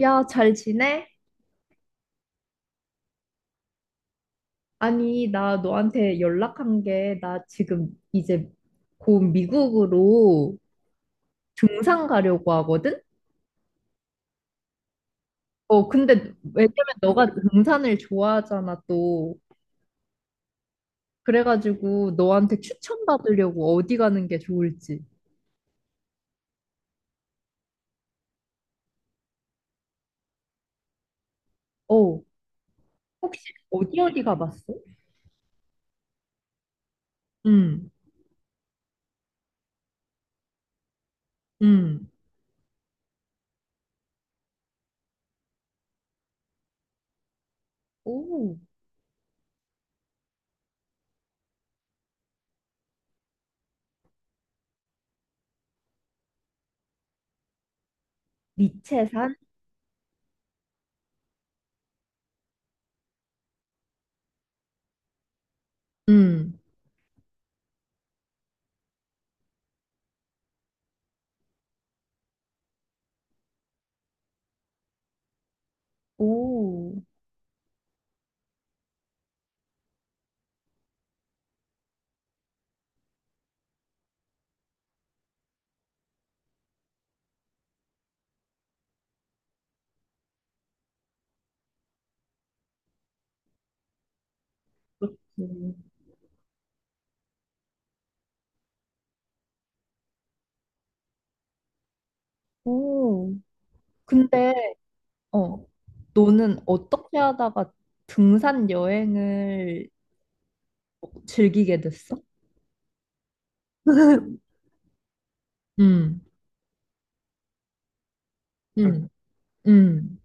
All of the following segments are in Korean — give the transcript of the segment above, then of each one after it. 야, 잘 지내? 아니, 나 너한테 연락한 게, 나 지금 이제 곧 미국으로 등산 가려고 하거든? 어, 근데 왜냐면 너가 등산을 좋아하잖아, 또. 그래가지고 너한테 추천받으려고 어디 가는 게 좋을지. 어, 혹시 어디 어디 가봤어? 응, 응. 오, 미체산? 응. 오, 그렇지. 오, 근데 어, 너는 어떻게 하다가 등산 여행을 즐기게 됐어? 음, 음, 음.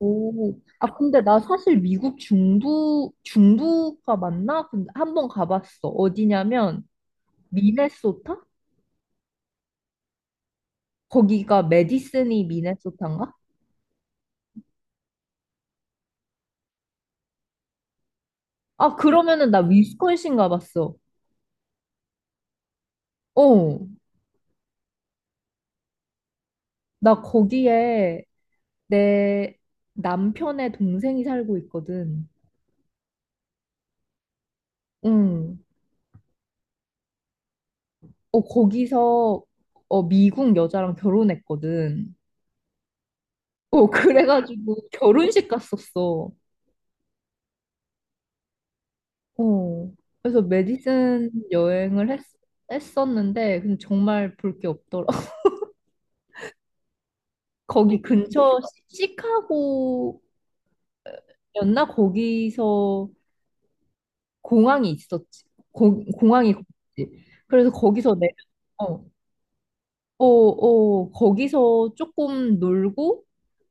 오, 아, 근데 나 사실 미국 중부, 중부가 맞나? 근데 한 번 가봤어. 어디냐면, 미네소타? 거기가 메디슨이 미네소타인가? 아, 그러면은 나 위스콘신 가봤어. 어, 나 거기에 내 남편의 동생이 살고 있거든. 응. 어, 거기서 미국 여자랑 결혼했거든. 어, 그래가지고 결혼식 갔었어. 어. 그래서 메디슨 여행을 했었는데, 근데 정말 볼 게 없더라. 거기 근처 시카고였나? 거기서 공항이 있었지. 공항이 있었지. 그래서 거기서 내려, 어, 어, 거기서 조금 놀고,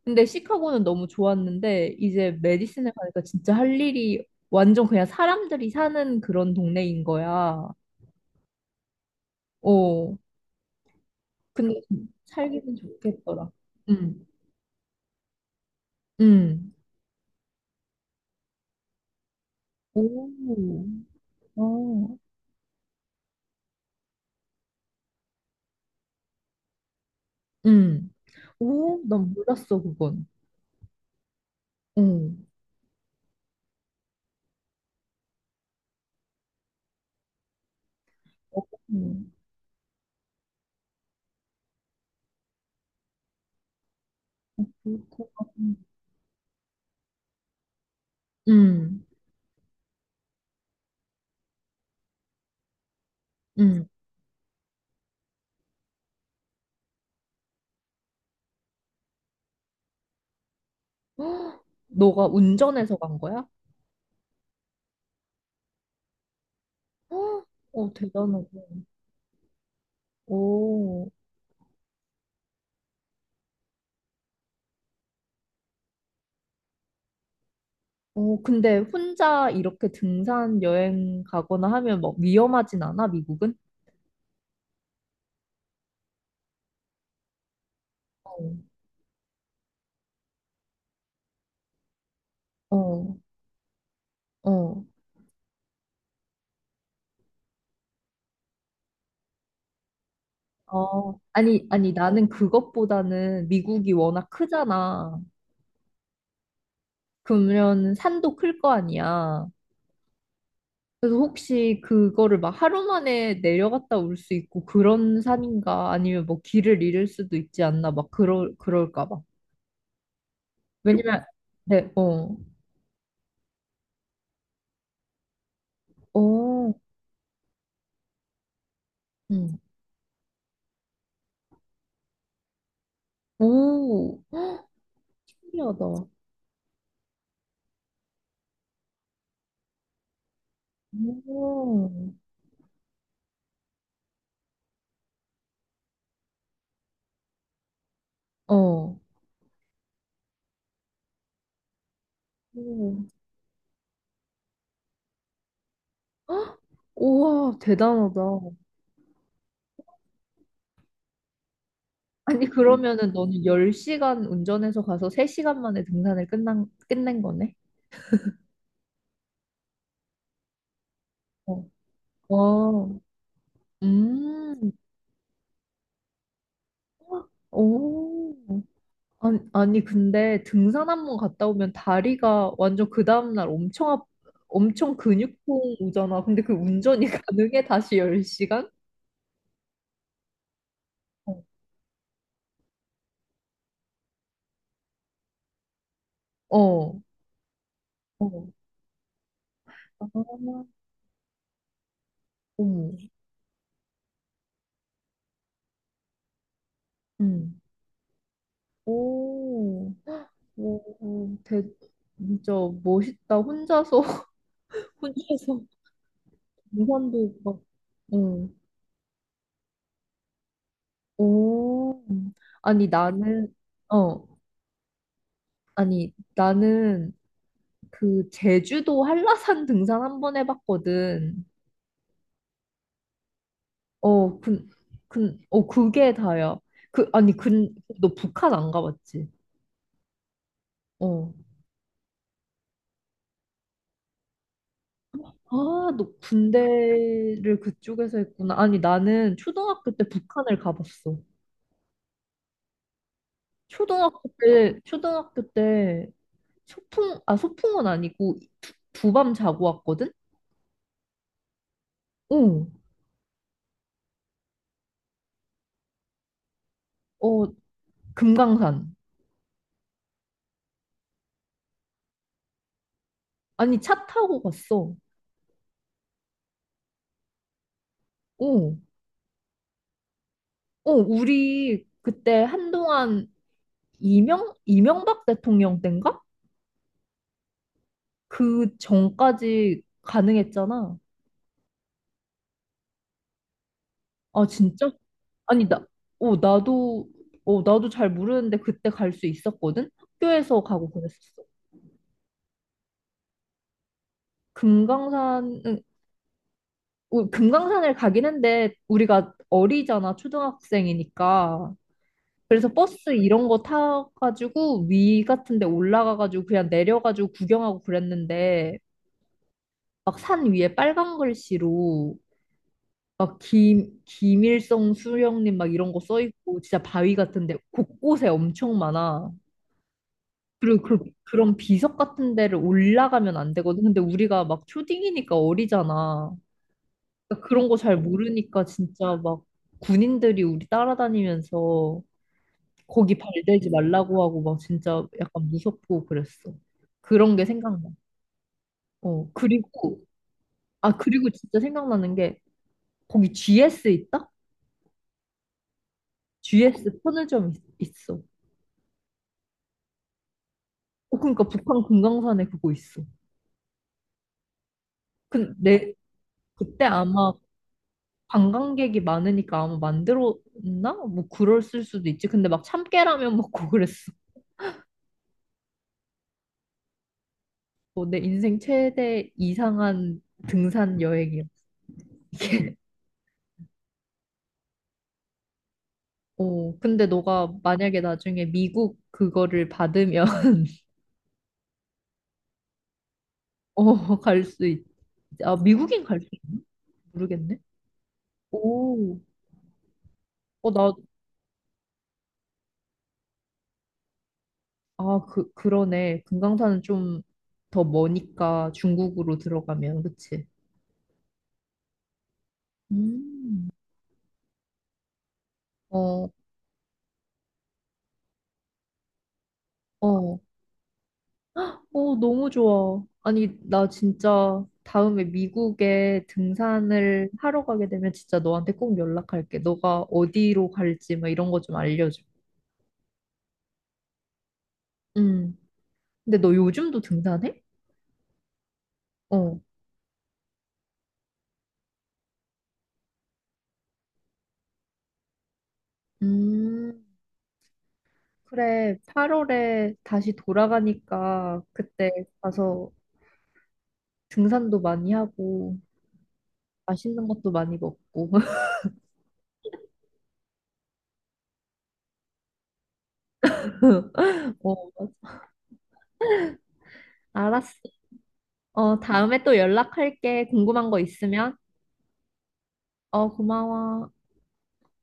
근데 시카고는 너무 좋았는데, 이제 메디슨에 가니까 진짜 할 일이 완전 그냥 사람들이 사는 그런 동네인 거야. 어, 근데 살기는 좋겠더라. 응, 응, 오, 어, 응. 오, 난 몰랐어, 그건. 응, 어, 응. 그렇구나. 응, 응. 너가 운전해서 간 거야? 어, 대단하다. 오. 어, 근데 혼자 이렇게 등산 여행 가거나 하면 막 위험하진 않아, 미국은? 어, 어, 어. 어, 아니, 아니, 나는 그것보다는 미국이 워낙 크잖아. 그러면 산도 클 거 아니야. 그래서 혹시 그거를 막 하루 만에 내려갔다 올 수 있고 그런 산인가? 아니면 뭐 길을 잃을 수도 있지 않나? 막 그럴까 봐. 왜냐면, 네, 어, 어, 음. 오, 신기하다. 오. 어. 오, 헉, 우와, 대단하다. 아니, 그러면은 너는 10시간 운전해서 가서 3시간 만에 등산을 끝낸 거네? 어. 와, 음, 오. 아니, 아니, 근데 등산 한 번 갔다 오면 다리가 완전 그 다음날 엄청 근육통 오잖아. 근데 그 운전이 가능해? 다시 10시간? 어, 어. 어. 아, 어머. 음. 오. 오, 되게 진짜 멋있다. 혼자서 혼자서 등산도 막, 응. 오, 아니 나는 어, 아니 나는 그 제주도 한라산 등산 한번 해봤거든. 어, 그게 다야. 그 아니, 너 북한 안 가봤지? 어. 아, 너 군대를 그쪽에서 했구나. 아니 나는 초등학교 때 북한을 가봤어. 초등학교 때 아, 소풍은 아니고 두밤 자고 왔거든? 어, 어, 금강산. 아니, 차 타고 갔어. 어, 어, 우리 그때 한동안 이명박 대통령 땐가? 그 전까지 가능했잖아. 아, 진짜? 아니, 나, 어, 나도, 어, 나도 잘 모르는데 그때 갈 수 있었거든? 학교에서 가고 그랬었어. 금강산은, 금강산을 가긴 했는데 우리가 어리잖아, 초등학생이니까. 그래서 버스 이런 거 타가지고 위 같은 데 올라가가지고 그냥 내려가지고 구경하고 그랬는데 막 산 위에 빨간 글씨로 막 김일성 수령님 막 이런 거 써 있고 진짜 바위 같은 데 곳곳에 엄청 많아. 그리고 그런 비석 같은 데를 올라가면 안 되거든. 근데 우리가 막 초딩이니까 어리잖아. 그러니까 그런 거 잘 모르니까 진짜 막 군인들이 우리 따라다니면서 거기 발대지 말라고 하고 막 진짜 약간 무섭고 그랬어. 그런 게 생각나. 어, 그리고 진짜 생각나는 게 거기 GS 있다? GS 편의점 있어. 어, 그러니까 북한 금강산에 그거 있어. 근데 그때 아마 관광객이 많으니까 아마 만들었나? 뭐 그랬을 수도 있지. 근데 막 참깨라면 먹고 그랬어. 어, 내 인생 최대 이상한 등산 여행이야. 어, 근데 너가 만약에 나중에 미국 그거를 받으면 어, 갈 수 있. 아, 미국인 갈 수 있 모르겠네. 오. 어, 나, 아, 그러네. 금강산은 좀 더 머니까 중국으로 들어가면, 그치? 음. 어, 어, 어, 너무 좋아. 아니, 나 진짜 다음에 미국에 등산을 하러 가게 되면 진짜 너한테 꼭 연락할게. 너가 어디로 갈지 막 이런 거 좀 알려줘. 음. 근데 너 요즘도 등산해? 어. 음, 그래. 8월에 다시 돌아가니까 그때 가서 등산도 많이 하고 맛있는 것도 많이 먹고. 어, 알았어. 어, 다음에 또 연락할게. 궁금한 거 있으면. 어, 고마워.